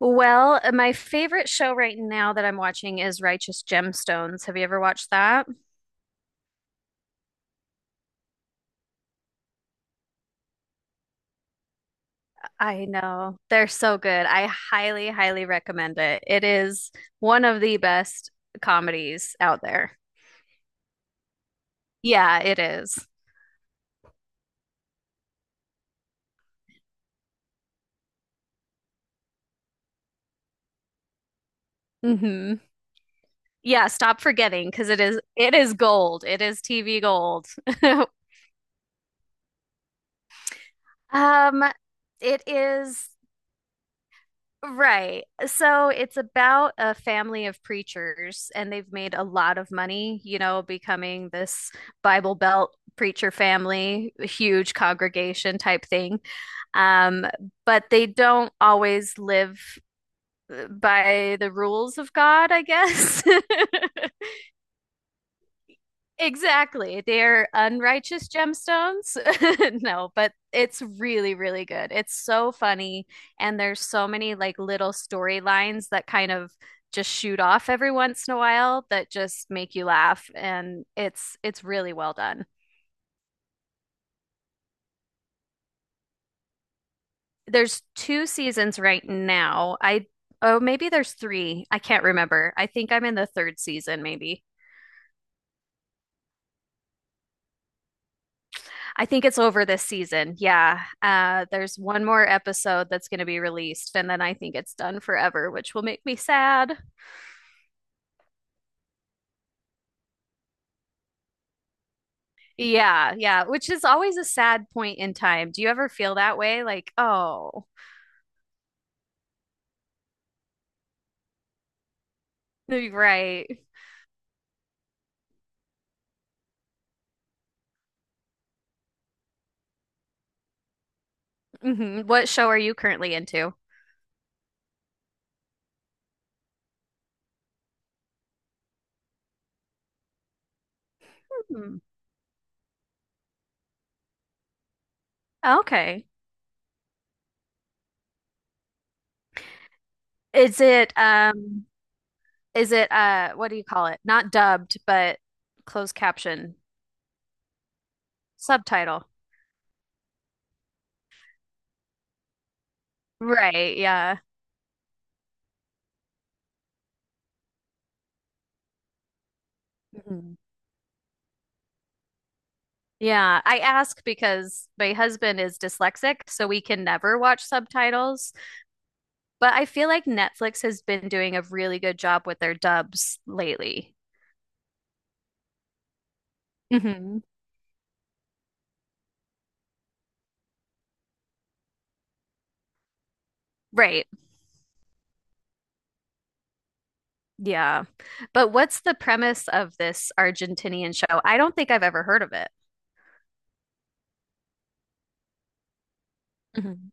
Well, my favorite show right now that I'm watching is Righteous Gemstones. Have you ever watched that? I know. They're so good. I highly, highly recommend it. It is one of the best comedies out there. Yeah, it is. Mm-hmm. Yeah, stop forgetting because it is gold. It is TV gold. Um, it is Right. So it's about a family of preachers, and they've made a lot of money, you know, becoming this Bible Belt preacher family, huge congregation type thing. Um, but they don't always live by the rules of God, I guess. Exactly. They're unrighteous gemstones. No, but it's really, really good. It's so funny. And there's so many like little storylines that kind of just shoot off every once in a while that just make you laugh. And it's really well done. There's two seasons right now. I oh maybe there's three. I can't remember. I think I'm in the third season maybe. I think it's over this season. Yeah. There's one more episode that's going to be released, and then I think it's done forever, which will make me sad. Yeah. Yeah. Which is always a sad point in time. Do you ever feel that way? Like, oh, right. Hmm. What show are you currently into? Hmm. Okay. Is it, um, is it, what do you call it? Not dubbed, but closed caption, subtitle. Right. Yeah. Yeah, I ask because my husband is dyslexic, so we can never watch subtitles. But I feel like Netflix has been doing a really good job with their dubs lately. Hmm. Right. Yeah. But what's the premise of this Argentinian show? I don't think I've ever heard of it. Hmm.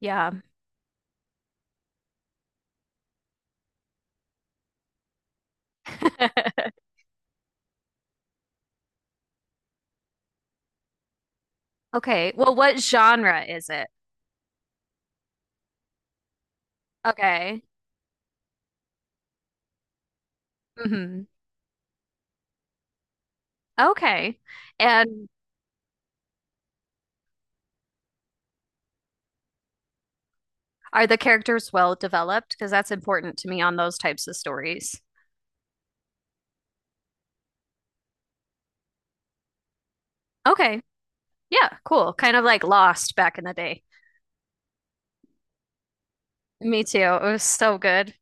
Yeah. Okay. Well, what genre is it? Okay. Hmm. Okay. And are the characters well developed? Because that's important to me on those types of stories. Okay. Yeah, cool. Kind of like Lost back in the day. Me too. It was so good.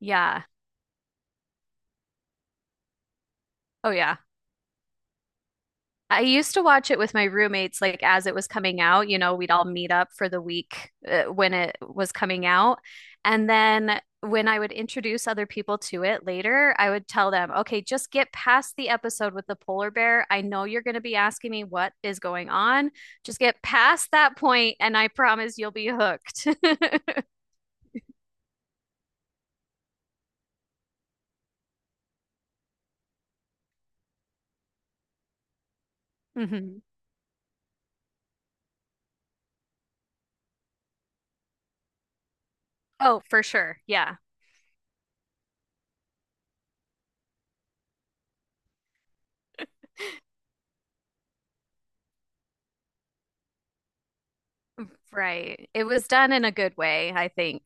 Yeah. Oh, yeah. I used to watch it with my roommates, like as it was coming out. You know, we'd all meet up for the week when it was coming out. And then when I would introduce other people to it later, I would tell them, okay, just get past the episode with the polar bear. I know you're going to be asking me what is going on. Just get past that point, and I promise you'll be hooked. Mhm. Oh, for sure. Yeah. Right. It was done in a good way, I think.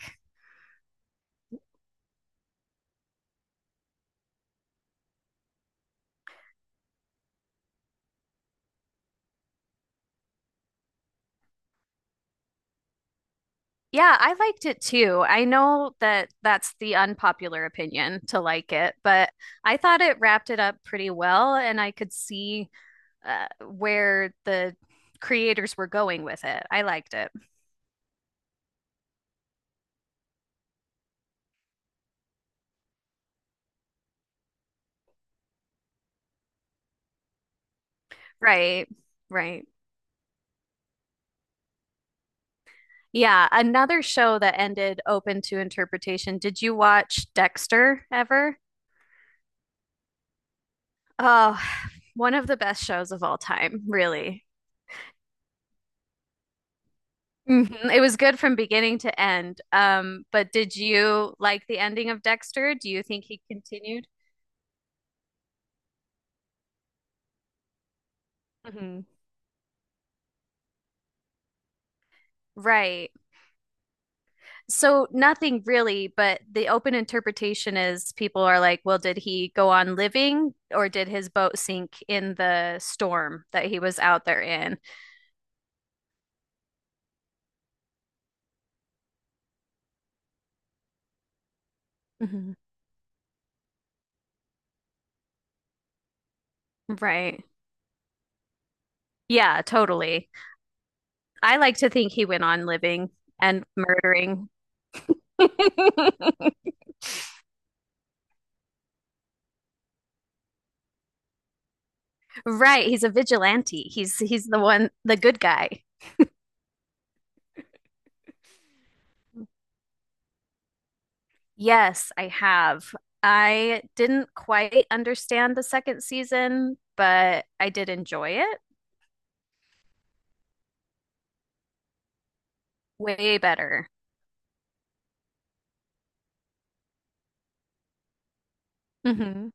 Yeah, I liked it too. I know that that's the unpopular opinion to like it, but I thought it wrapped it up pretty well, and I could see where the creators were going with it. I liked it. Right. Right. Yeah, another show that ended open to interpretation. Did you watch Dexter ever? Oh, one of the best shows of all time, really. Mhm. It was good from beginning to end. But did you like the ending of Dexter? Do you think he continued? Hmm. Right. So nothing really, but the open interpretation is people are like, well, did he go on living or did his boat sink in the storm that he was out there in? Mhm. Right. Yeah, totally. I like to think he went on living and murdering. Right. He's a vigilante. He's the one, the good guy. Yes, I have. I didn't quite understand the second season, but I did enjoy it way better. Hmm.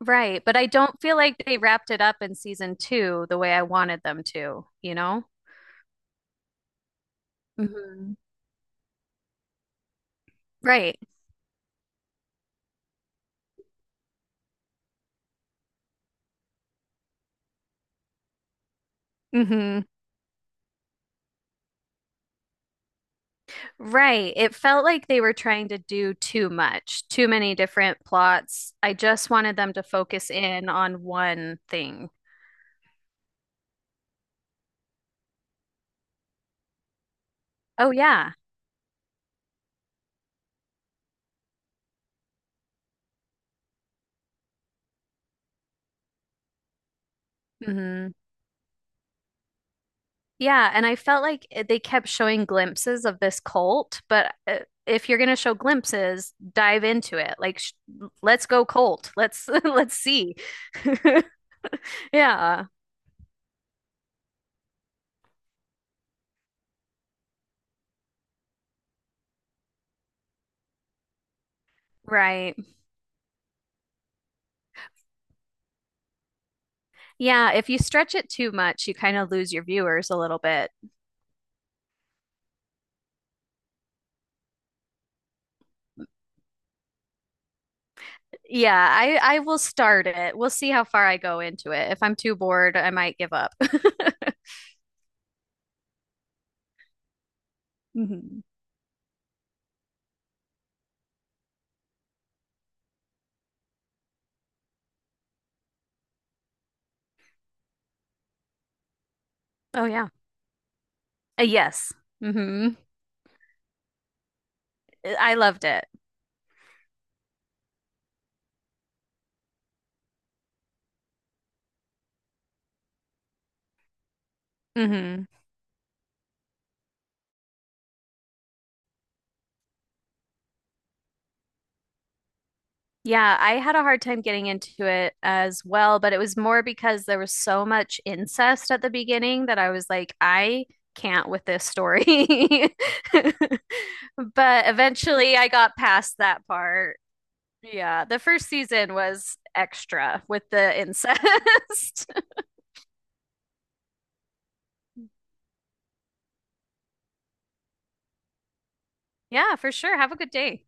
Right, but I don't feel like they wrapped it up in season two the way I wanted them to, you know? Hmm. Right, hmm, right. It felt like they were trying to do too much, too many different plots. I just wanted them to focus in on one thing. Oh, yeah. Yeah, and I felt like it- they kept showing glimpses of this cult, but if you're going to show glimpses, dive into it. Like sh let's go cult. Let's let's see. Yeah, right. Yeah, if you stretch it too much, you kind of lose your viewers a little bit. Yeah, I will start it. We'll see how far I go into it. If I'm too bored, I might give up. Mhm. Oh yeah. Yes. Hmm. I loved it. Mm-hmm. Yeah, I had a hard time getting into it as well, but it was more because there was so much incest at the beginning that I was like, I can't with this story. But eventually I got past that part. Yeah, the first season was extra with the incest. Yeah, for sure. Have a good day.